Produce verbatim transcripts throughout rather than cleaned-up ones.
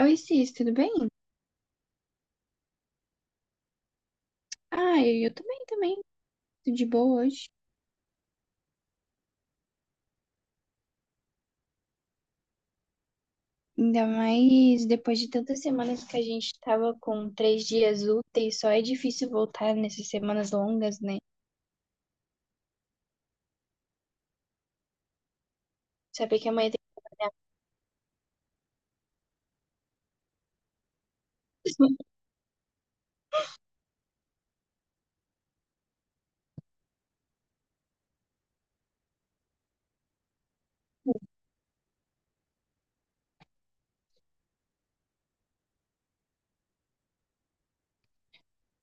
Oi, Cis, tudo bem? Ah, eu, eu tô também. Tudo de boa hoje. Ainda mais depois de tantas semanas que a gente tava com três dias úteis, só é difícil voltar nessas semanas longas, né? Saber que amanhã tem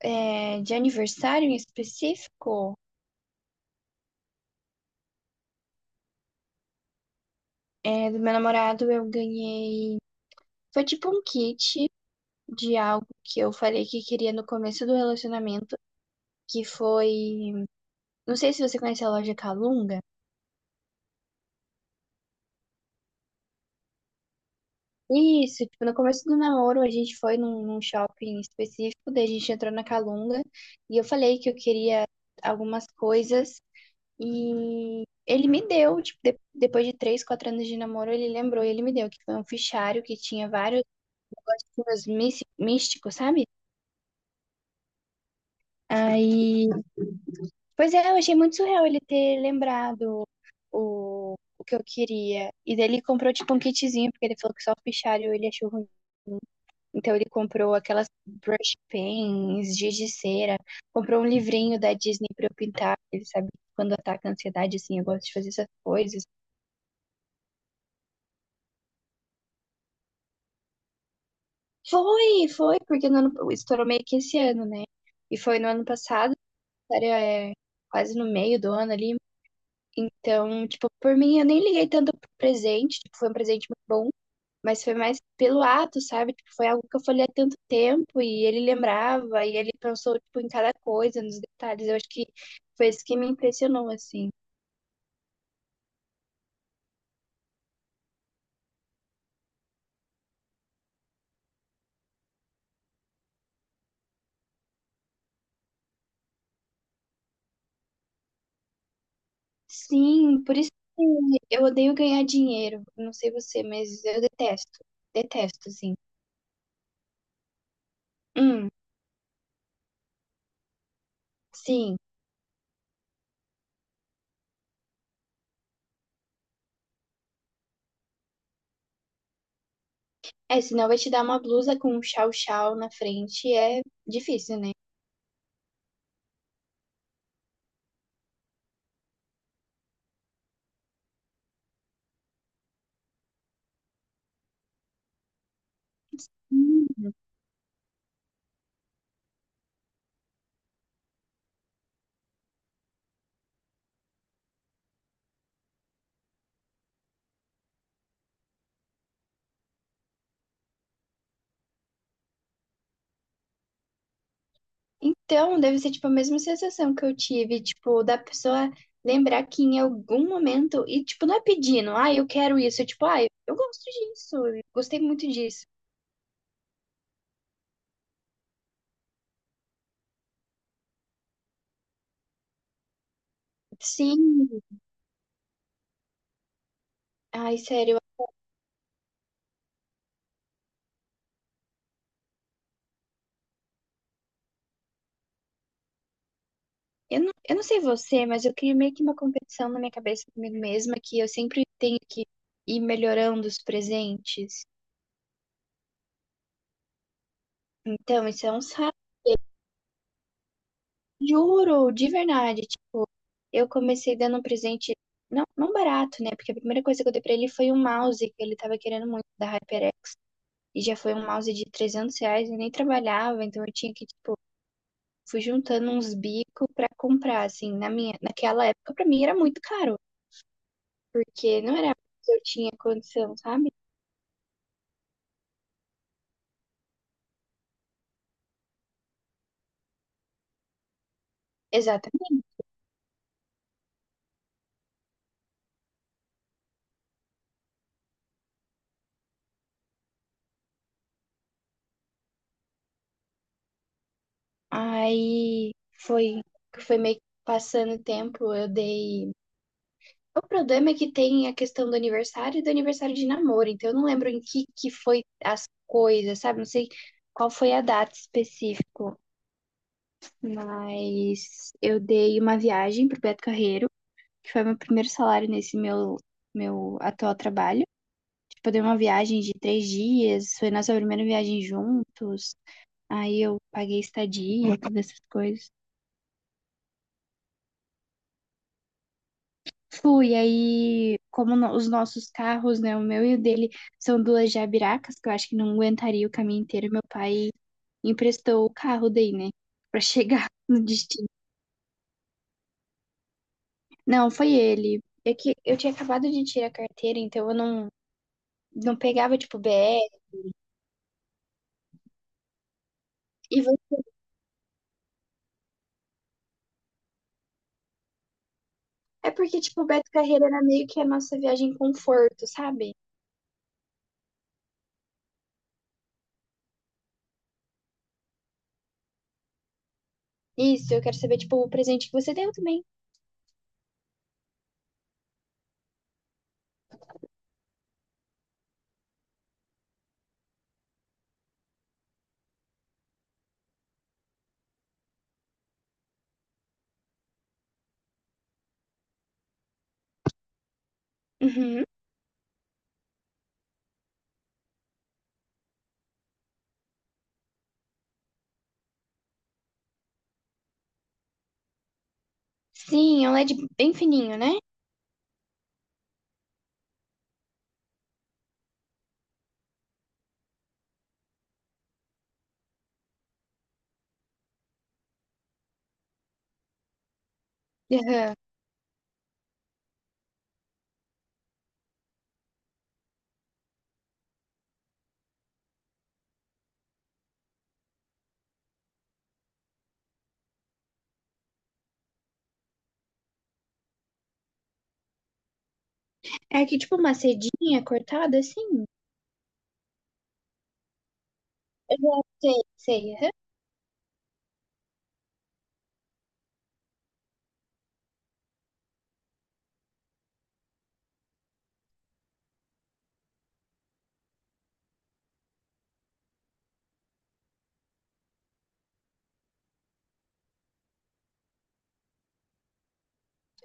é, de aniversário em específico é, do meu namorado, eu ganhei. Foi tipo um kit de algo que eu falei que queria no começo do relacionamento, que foi. Não sei se você conhece a loja Calunga. Isso, tipo, no começo do namoro a gente foi num, num shopping específico, daí a gente entrou na Calunga e eu falei que eu queria algumas coisas e ele me deu, tipo, de- depois de três, quatro anos de namoro, ele lembrou e ele me deu, que foi um fichário que tinha vários negocinhos mis- místicos, sabe? Aí, pois é, eu achei muito surreal ele ter lembrado o, o que eu queria. E daí ele comprou, tipo, um kitzinho, porque ele falou que só o fichário ele achou ruim. Então ele comprou aquelas brush pens, giz de cera, comprou um livrinho da Disney pra eu pintar. Ele sabe que quando ataca a ansiedade, assim, eu gosto de fazer essas coisas. Foi, foi, porque no ano, estourou meio que esse ano, né? E foi no ano passado, era, é, quase no meio do ano ali. Então, tipo, por mim, eu nem liguei tanto pro presente. Tipo, foi um presente muito bom, mas foi mais pelo ato, sabe? Tipo, foi algo que eu falei há tanto tempo e ele lembrava e ele pensou, tipo, em cada coisa, nos detalhes. Eu acho que foi isso que me impressionou, assim. Sim, por isso que eu odeio ganhar dinheiro. Não sei você, mas eu detesto. Detesto, assim. Hum, sim. É, senão vai te dar uma blusa com um chau-chau na frente. É difícil, né? Então, deve ser, tipo, a mesma sensação que eu tive, tipo, da pessoa lembrar que em algum momento, e, tipo, não é pedindo, ah, eu quero isso, é tipo, ah, eu gosto disso, eu gostei muito disso. Sim, ai, sério, eu não, eu não sei você, mas eu criei meio que uma competição na minha cabeça comigo mesma, que eu sempre tenho que ir melhorando os presentes. Então, isso é um saco, juro, de verdade. Eu comecei dando um presente, não, não barato, né? Porque a primeira coisa que eu dei pra ele foi um mouse que ele tava querendo muito da HyperX. E já foi um mouse de trezentos reais, eu nem trabalhava, então eu tinha que, tipo, fui juntando uns bicos pra comprar, assim, na minha, naquela época pra mim era muito caro, porque não era que eu tinha condição, sabe? Exatamente. Aí foi, foi meio que passando o tempo, eu dei. O problema é que tem a questão do aniversário e do aniversário de namoro, então eu não lembro em que que foi as coisas, sabe? Não sei qual foi a data específica, mas eu dei uma viagem pro Beto Carreiro, que foi meu primeiro salário nesse meu meu atual trabalho. Tipo, eu dei uma viagem de três dias, foi nossa primeira viagem juntos, aí eu paguei estadia, todas essas coisas. Fui, aí, como no- os nossos carros, né, o meu e o dele, são duas jabiracas, que eu acho que não aguentaria o caminho inteiro, meu pai emprestou o carro daí, né, pra chegar no destino. Não, foi ele. É que eu tinha acabado de tirar a carteira, então eu não, não pegava, tipo, B R. E vo- É porque, tipo, o Beto Carreira era meio que a nossa viagem conforto, sabe? Isso, eu quero saber, tipo, o presente que você deu também. Uhum. Sim, é um L E D bem fininho, né? Aham. É aqui tipo uma cedinha cortada assim. Aham, sei, sei. Aham.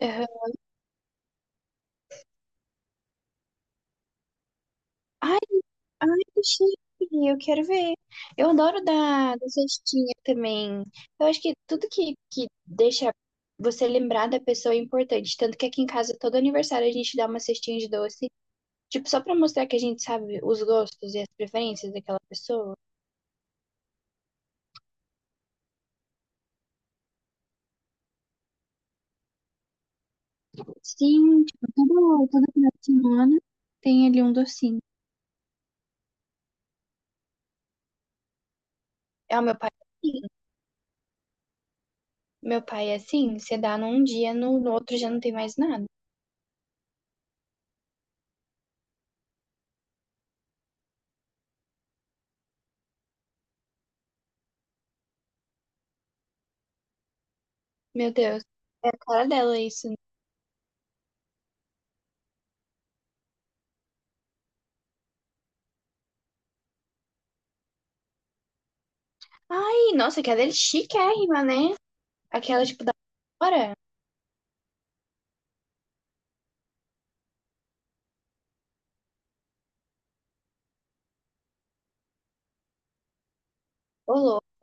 Aham. Ai, ai, que chique, eu quero ver. Eu adoro da, da cestinha também. Eu acho que tudo que, que deixa você lembrar da pessoa é importante. Tanto que aqui em casa, todo aniversário, a gente dá uma cestinha de doce. Tipo, só pra mostrar que a gente sabe os gostos e as preferências daquela pessoa. Sim, tipo, todo, toda final de semana tem ali um docinho. É, o meu pai é assim. Meu pai é assim, você dá num dia, no, no outro já não tem mais nada. Meu Deus, é a cara dela isso. Ai, nossa, aquela é chiquérrima, né? Aquela, tipo, da hora. Ô, louco.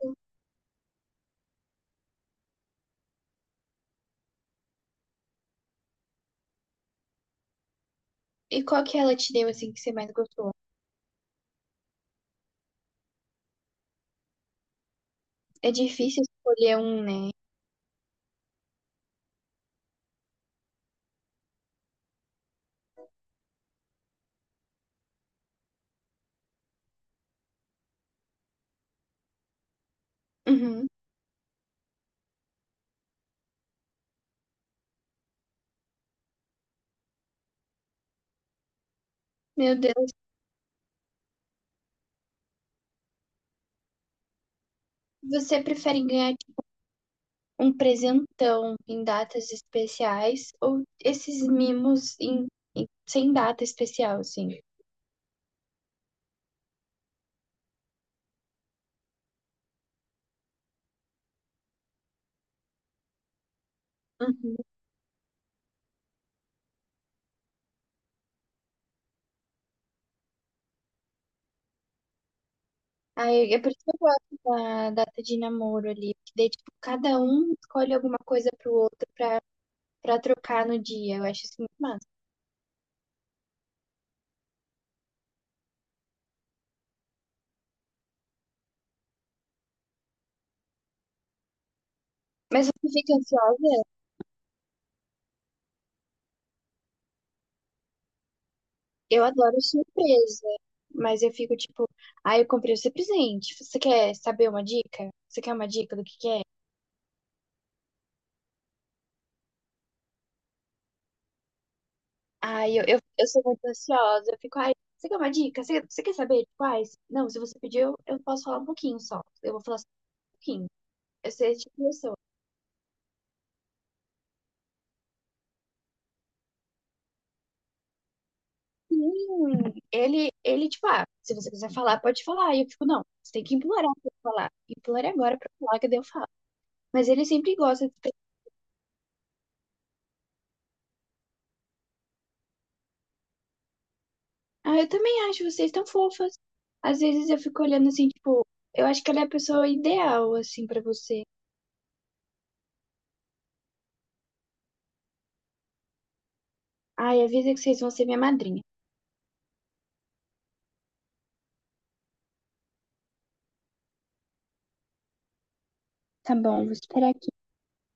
E qual que ela te deu, assim, que você mais gostou? É difícil escolher um, né? Uhum. Meu Deus, você prefere ganhar, tipo, um presentão em datas especiais ou esses mimos em, em- sem data especial, assim? Uhum. Aí, é por isso que eu gosto da data de namoro ali, porque daí, tipo, cada um escolhe alguma coisa pro outro pra, pra trocar no dia. Eu acho isso muito massa. Mas você fica ansiosa? Eu adoro surpresa, mas eu fico tipo, ah, eu comprei o seu presente. Você quer saber uma dica? Você quer uma dica do que que é? Ah, eu, eu, eu sou muito ansiosa, eu fico, ai, você quer uma dica? Você, você quer saber de quais? Não, se você pediu, eu eu posso falar um pouquinho só. Eu vou falar só um pouquinho. Eu sei esse tipo de pessoa. Sim, ele, ele, tipo, ah, se você quiser falar, pode falar. E eu fico, não, você tem que implorar pra eu falar. Implore agora pra eu falar, que daí eu falo. Mas ele sempre gosta de. Ah, eu também acho vocês tão fofas. Às vezes eu fico olhando assim, tipo, eu acho que ela é a pessoa ideal, assim, pra você. Ai, avisa que vocês vão ser minha madrinha. Tá bom, vou esperar aqui.